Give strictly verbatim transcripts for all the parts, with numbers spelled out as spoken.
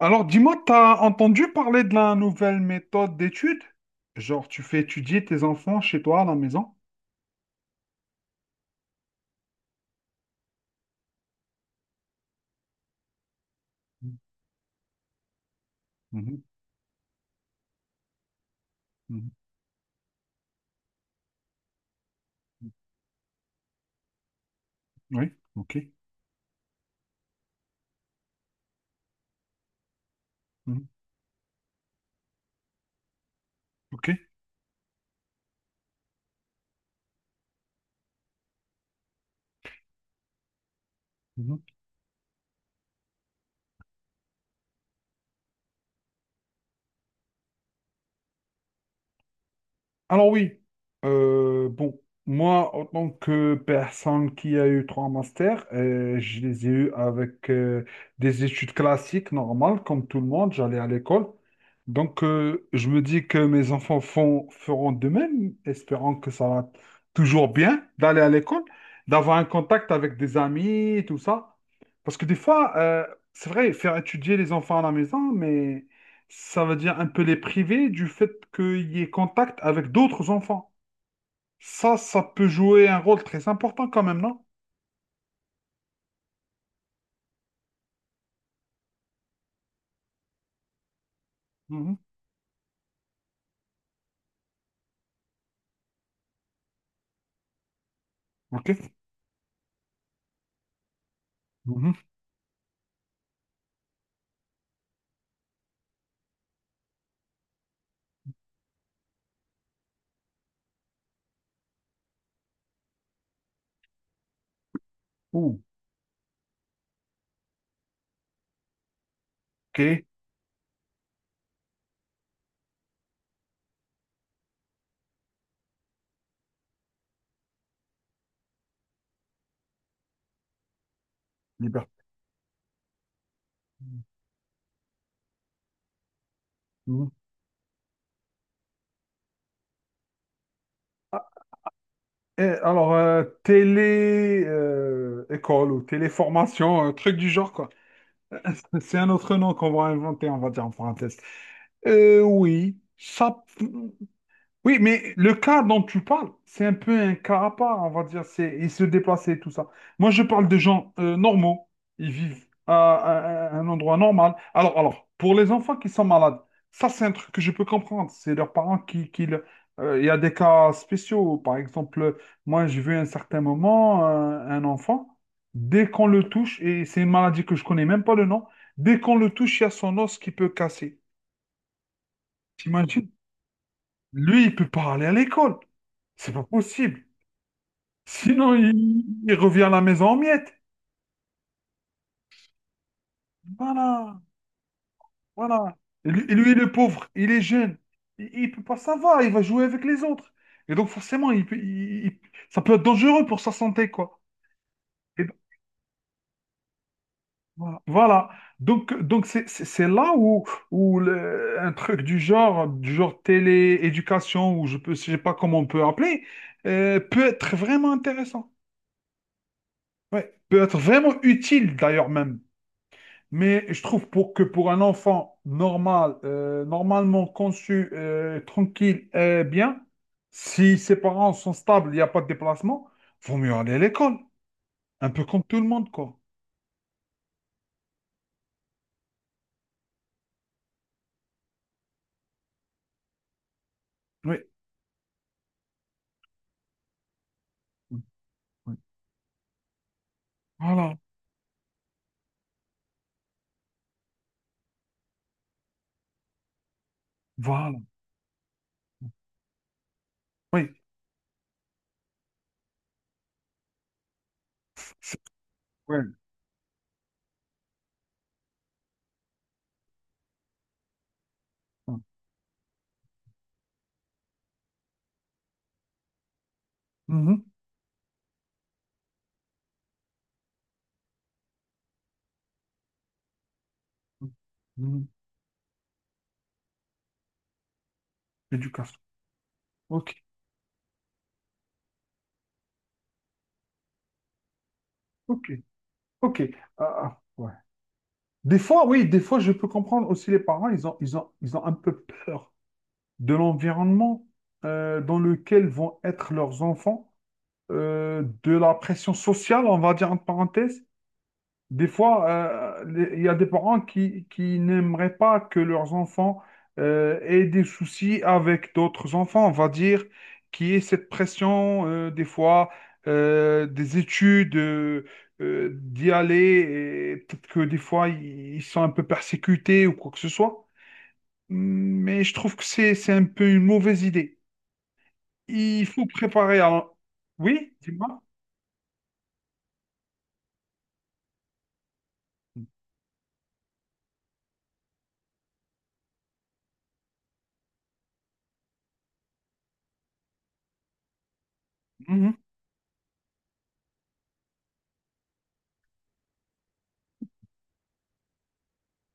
Alors, dis-moi, t'as entendu parler de la nouvelle méthode d'étude? Genre, tu fais étudier tes enfants chez toi à la maison? Mhm, mhm, mhm. Oui, ok. Mhm. Ok. Alors oui, euh, bon, moi, en tant que personne qui a eu trois masters, euh, je les ai eus avec euh, des études classiques normales, comme tout le monde, j'allais à l'école. Donc, euh, je me dis que mes enfants font, feront de même, espérant que ça va toujours bien d'aller à l'école, d'avoir un contact avec des amis, tout ça. Parce que des fois, euh, c'est vrai, faire étudier les enfants à la maison, mais ça veut dire un peu les priver du fait qu'il y ait contact avec d'autres enfants. Ça, ça peut jouer un rôle très important quand même, non? Mhm. Ok. Mhm. Ouh. Ok. Liberté. Mhm. Ah, et alors, euh, télé euh, école ou téléformation, un truc du genre, quoi. C'est un autre nom qu'on va inventer, on va dire en parenthèse. Euh, oui, ça. Oui, mais le cas dont tu parles, c'est un peu un cas à part, on va dire. C'est, ils se déplaçaient, tout ça. Moi, je parle de gens euh, normaux. Ils vivent à, à- à un endroit normal. Alors, alors, pour les enfants qui sont malades, ça, c'est un truc que je peux comprendre. C'est leurs parents qui... qui le- euh, il y a des cas spéciaux. Par exemple, moi, j'ai vu à un certain moment euh, un enfant, dès qu'on le touche, et c'est une maladie que je connais même pas le nom, dès qu'on le touche, il y a son os qui peut casser. T'imagines? Lui, il peut pas aller à l'école. C'est pas possible. Sinon, il, il revient à la maison en miettes. Voilà, voilà. Et lui, et lui, le pauvre, il est jeune. Il, il peut pas savoir, il va jouer avec les autres. Et donc, forcément, il, peut- il- il- ça peut être dangereux pour sa santé, quoi. Et donc, voilà. Voilà. Donc, donc c'est c'est- c'est là où, où le- un truc du genre, du genre télé-éducation, ou je peux, sais pas comment on peut appeler, euh, peut être vraiment intéressant. Ouais. Peut être vraiment utile, d'ailleurs, même. Mais je trouve pour que pour un enfant normal, euh, normalement conçu, euh, tranquille et bien, si ses parents sont stables, il n'y a pas de déplacement, vaut mieux aller à l'école. Un peu comme tout le monde, quoi. Oui. Oui, oui. Voilà. Voilà. Oui. C'est- ouais. Mhm. Mhm. Éducation. Ok. Ok. Ok. Ah, ah, ouais. Des fois, oui, des fois, je peux comprendre aussi les parents, ils ont, ils ont, ils ont un peu peur de l'environnement euh, dans lequel vont être leurs enfants, euh, de la pression sociale, on va dire entre parenthèses. Des fois, euh, les- il y a des parents qui, qui n'aimeraient pas que leurs enfants euh, aient des soucis avec d'autres enfants, on va dire, qui est cette pression, euh, des fois, euh, des études, euh, euh, d'y aller, et peut-être que des fois, ils ils sont un peu persécutés ou quoi que ce soit. Mais je trouve que c'est c'est un peu une mauvaise idée. Il faut préparer un... Oui, dis-moi. Mhm,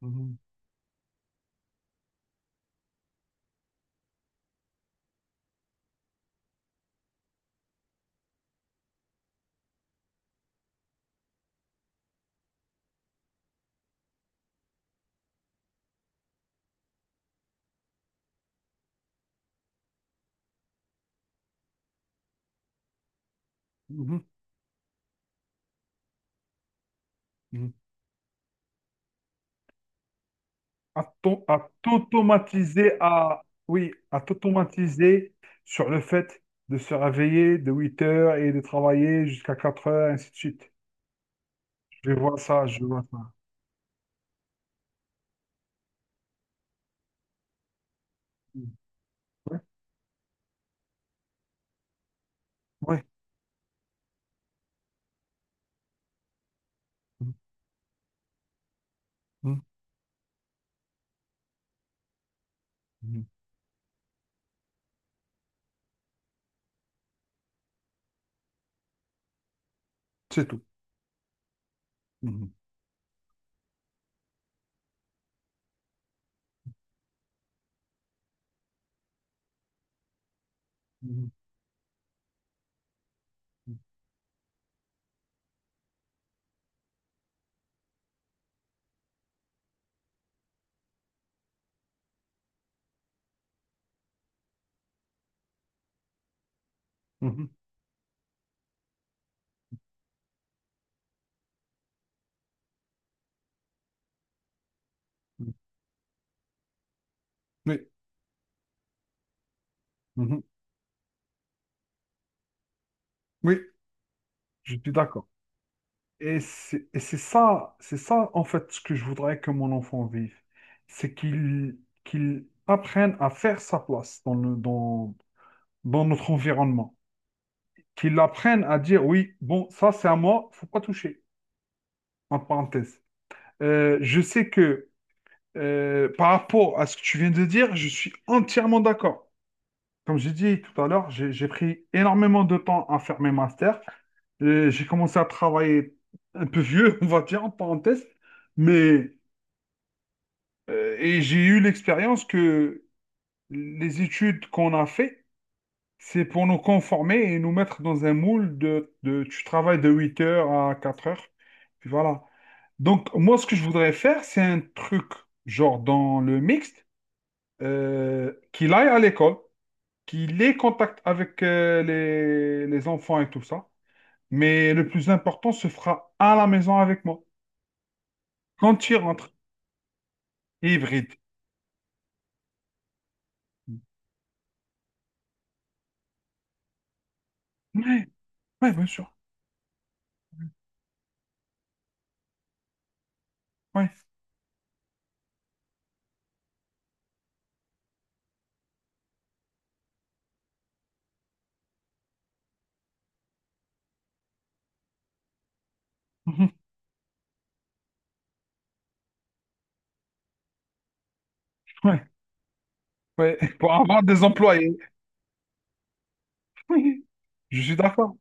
mhm, mhm, mhm. À t'au- à t'automatiser à... Oui, à t'automatiser sur le fait de se réveiller de huit heures et de travailler jusqu'à quatre heures, ainsi de suite. Je vais voir ça, je vais voir ça. Mhm. Ouais, ouais. Mhm, mhm, mhm. C'est tout. Mhm, mhm, mhm, mhm, mhm. Oui, mhm. Oui, je suis d'accord. Et c'est et c'est ça, c'est ça en fait ce que je voudrais que mon enfant vive. C'est qu'il qu'il apprenne à faire sa place dans le, dans, dans notre environnement. Qu'il apprenne à dire oui, bon, ça c'est à moi, faut pas toucher, en parenthèse. Euh, je sais que euh, par rapport à ce que tu viens de dire, je suis entièrement d'accord. Comme j'ai dit tout à l'heure, j'ai j'ai pris énormément de temps à faire mes masters. Euh, j'ai commencé à travailler un peu vieux, on va dire, en parenthèse, mais. Euh, et j'ai eu l'expérience que les études qu'on a fait, c'est pour nous conformer et nous mettre dans un moule de, de tu travailles de huit heures à quatre heures. Puis voilà. Donc, moi, ce que je voudrais faire, c'est un truc, genre dans le mixte, euh, qu'il aille à l'école, qu'il ait contact avec euh, les, les enfants et tout ça. Mais le plus important se fera à la maison avec moi, quand il rentre, hybride. Ouais, ouais, bien sûr. Ouais. Ouais. Ouais, pour avoir des employés. Oui, je suis d'accord.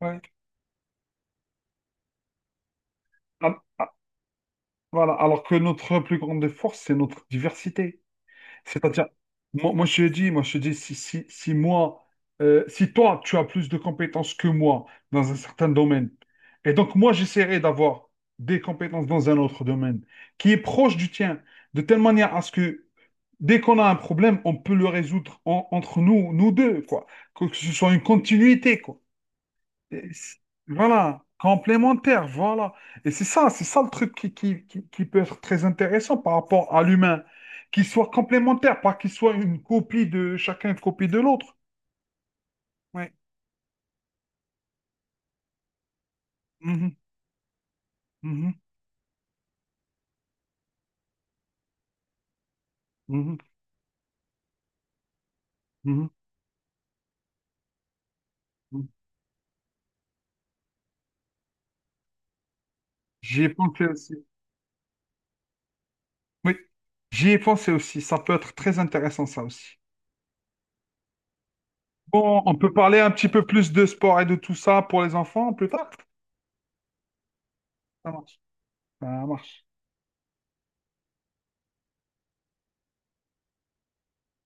Ouais. Ah, ah, voilà. Alors que notre plus grande force, c'est notre diversité. C'est-à-dire, moi, moi, je te dis, moi je te dis, si, si, si moi, euh, si toi, tu as plus de compétences que moi dans un certain domaine, et donc moi, j'essaierai d'avoir des compétences dans un autre domaine qui est proche du tien, de telle manière à ce que dès qu'on a un problème, on peut le résoudre en- entre nous, nous deux, quoi. Que ce soit une continuité, quoi. Et c- Voilà, complémentaire, voilà. Et c'est ça, c'est ça le truc qui, qui, qui- qui peut être très intéressant par rapport à l'humain. Qu'il soit complémentaire, pas qu'il soit une copie de chacun, une copie de l'autre. Ouais. Mhm, mhm, mhm, mhm, mhm. J'y ai pensé aussi. Oui, j'y ai pensé aussi. Ça peut être très intéressant, ça aussi. Bon, on peut parler un petit peu plus de sport et de tout ça pour les enfants plus tard. Ça marche. Ça marche.